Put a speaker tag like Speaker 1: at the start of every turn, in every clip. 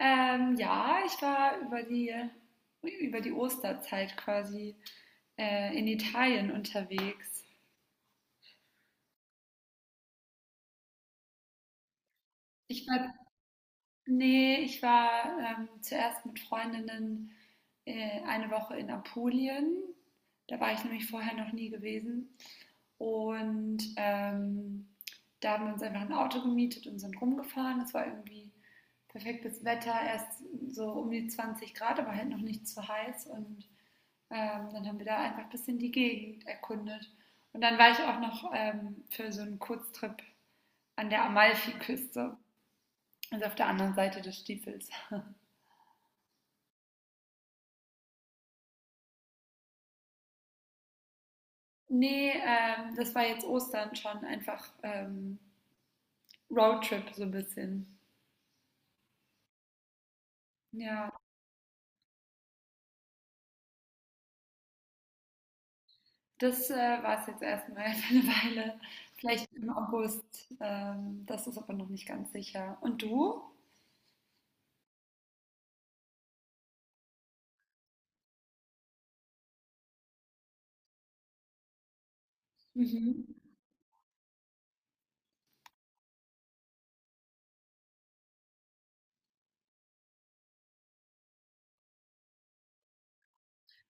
Speaker 1: Ja, ich war über die Osterzeit quasi in Italien unterwegs. Ich war Nee, ich war, zuerst mit Freundinnen, eine Woche in Apulien. Da war ich nämlich vorher noch nie gewesen. Und da haben wir uns einfach ein Auto gemietet und sind rumgefahren. Es war irgendwie perfektes Wetter, erst so um die 20 Grad, aber halt noch nicht zu heiß. Und dann haben wir da einfach ein bisschen die Gegend erkundet. Und dann war ich auch noch, für so einen Kurztrip an der Amalfiküste, also auf der anderen Seite des Stiefels. Nee, das war jetzt Ostern schon einfach Roadtrip so ein bisschen. Ja, das war es jetzt erstmal für eine Weile. Vielleicht im August. Das ist aber noch nicht ganz sicher. Und du? Mhm.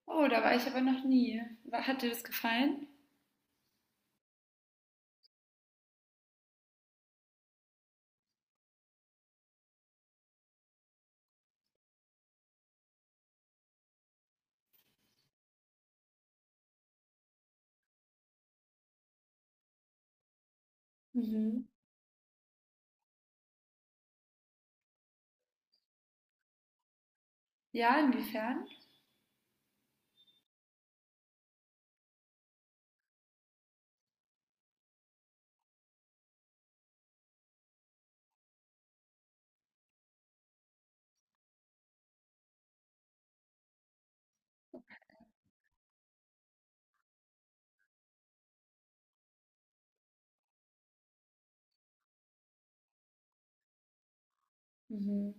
Speaker 1: Oh, da war ich aber noch nie. Hat dir das gefallen? Mhm. Ja, inwiefern? Mhm.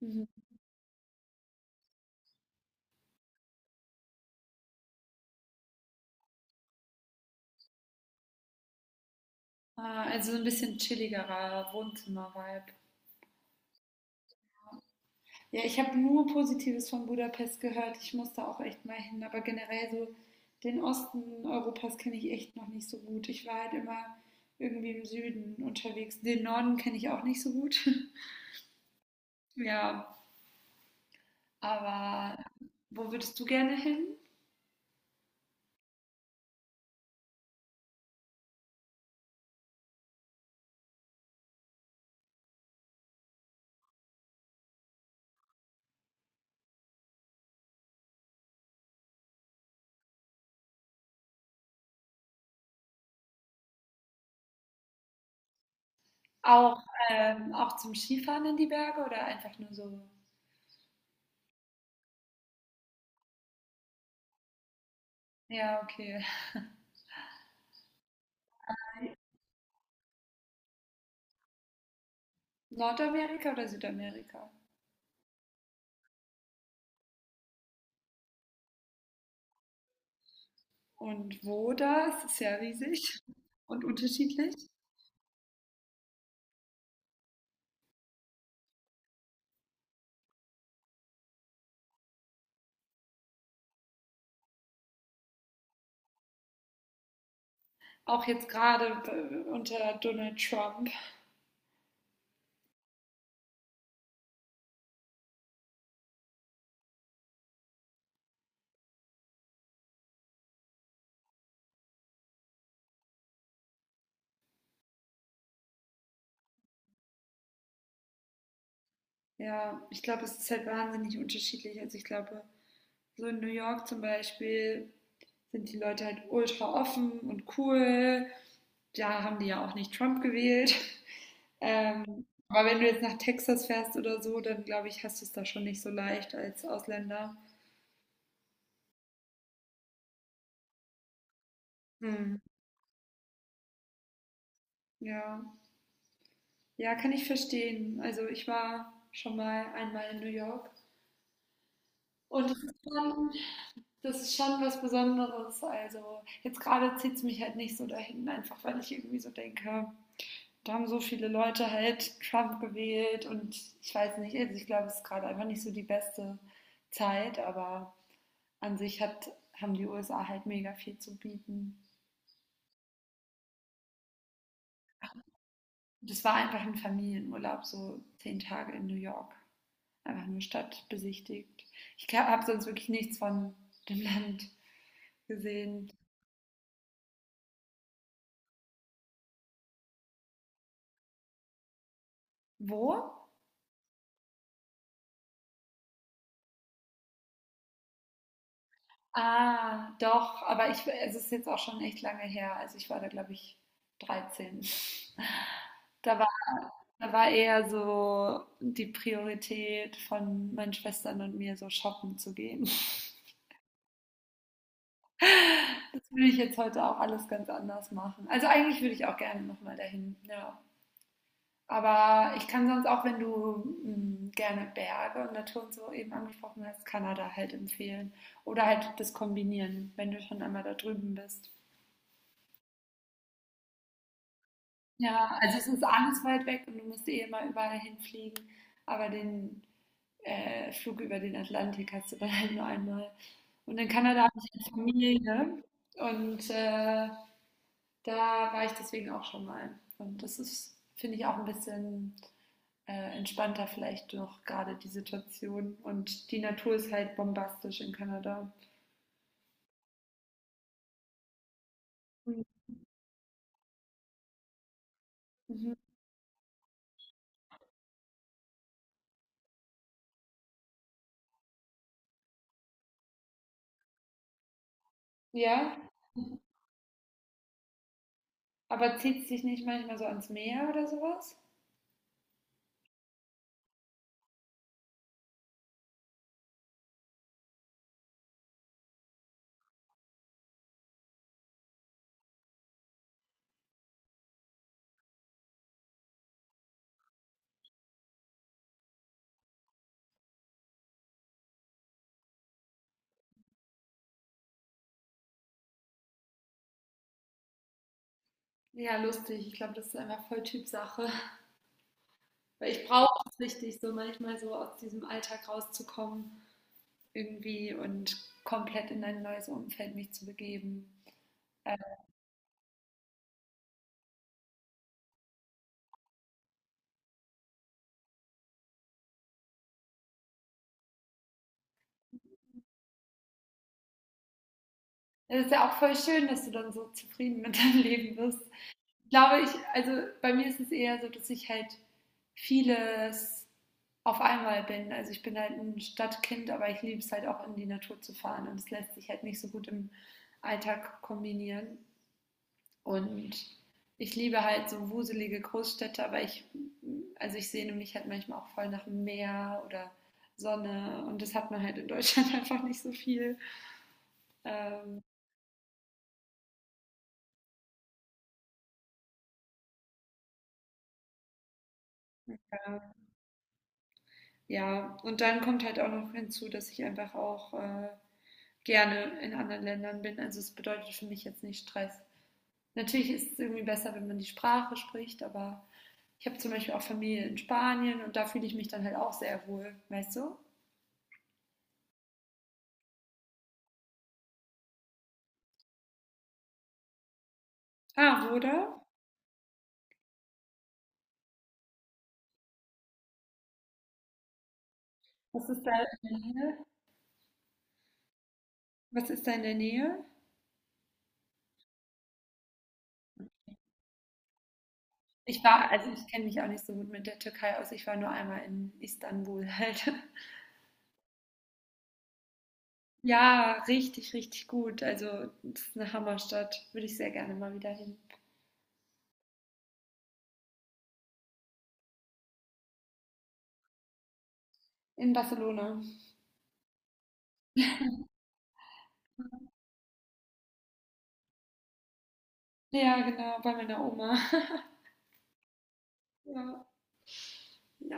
Speaker 1: Mhm. Ah, also so ein bisschen chilligerer Wohnzimmer-Vibe. Ja, ich habe nur Positives von Budapest gehört. Ich muss da auch echt mal hin. Aber generell so den Osten Europas kenne ich echt noch nicht so gut. Ich war halt immer irgendwie im Süden unterwegs. Den Norden kenne ich auch nicht so gut. Ja, aber wo würdest du gerne hin? Auch, auch zum Skifahren in die Berge oder einfach nur so? Ja, okay. Nordamerika oder Südamerika? Und wo das? Ist ja riesig und unterschiedlich. Auch jetzt gerade unter Donald Trump. Ja, ich glaube, es ist halt wahnsinnig unterschiedlich. Also ich glaube, so in New York zum Beispiel sind die Leute halt ultra offen und cool. Da haben die ja auch nicht Trump gewählt. Aber wenn du jetzt nach Texas fährst oder so, dann glaube ich, hast du es da schon nicht so leicht als Ausländer. Hm. Ja. Ja, kann ich verstehen. Also ich war schon mal einmal in New York, und es ist schon das ist schon was Besonderes. Also jetzt gerade zieht es mich halt nicht so dahin, einfach weil ich irgendwie so denke, da haben so viele Leute halt Trump gewählt und ich weiß nicht, also ich glaube, es ist gerade einfach nicht so die beste Zeit, aber an sich haben die USA halt mega viel zu bieten. Das war einfach ein Familienurlaub, so 10 Tage in New York. Einfach nur Stadt besichtigt. Ich habe sonst wirklich nichts von dem Land gesehen. Wo? Ah, doch, aber es ist jetzt auch schon echt lange her. Also ich war da, glaube ich, 13. Da war, da war eher so die Priorität von meinen Schwestern und mir, so shoppen zu gehen. Das würde ich jetzt heute auch alles ganz anders machen. Also eigentlich würde ich auch gerne nochmal dahin, ja. Aber ich kann sonst auch, wenn du gerne Berge und Natur und so eben angesprochen hast, Kanada halt empfehlen. Oder halt das kombinieren, wenn du schon einmal da drüben bist. Ja, also es ist alles weit weg und du musst eh immer überall hinfliegen. Aber den Flug über den Atlantik hast du dann halt nur einmal. Und in Kanada habe ich jetzt Familie und da war ich deswegen auch schon mal. Und das ist, finde ich, auch ein bisschen entspannter vielleicht noch gerade die Situation. Und die Natur ist halt bombastisch in Kanada. Mhm. Ja, aber zieht es dich nicht manchmal so ans Meer oder sowas? Ja, lustig. Ich glaube, das ist einfach voll Typsache. Weil ich brauche es richtig, so manchmal so aus diesem Alltag rauszukommen irgendwie und komplett in ein neues Umfeld mich zu begeben. Äh, Es ist ja auch voll schön, dass du dann so zufrieden mit deinem Leben bist. Ich glaube, also bei mir ist es eher so, dass ich halt vieles auf einmal bin. Also ich bin halt ein Stadtkind, aber ich liebe es halt auch in die Natur zu fahren und es lässt sich halt nicht so gut im Alltag kombinieren. Und ich liebe halt so wuselige Großstädte, also ich sehne mich halt manchmal auch voll nach dem Meer oder Sonne und das hat man halt in Deutschland einfach nicht so viel. Ähm, ja. Ja, und dann kommt halt auch noch hinzu, dass ich einfach auch gerne in anderen Ländern bin. Also es bedeutet für mich jetzt nicht Stress. Natürlich ist es irgendwie besser, wenn man die Sprache spricht, aber ich habe zum Beispiel auch Familie in Spanien und da fühle ich mich dann halt auch sehr wohl, weißt du? Ah, oder? Was ist da in der Nähe? Was ist da in der Nähe? Also ich kenne mich auch nicht so gut mit der Türkei aus. Ich war nur einmal in Istanbul halt. Ja, richtig, richtig gut. Also, das ist eine Hammerstadt. Würde ich sehr gerne mal wieder hin. In Barcelona. Ja, genau, bei meiner Oma. Ja.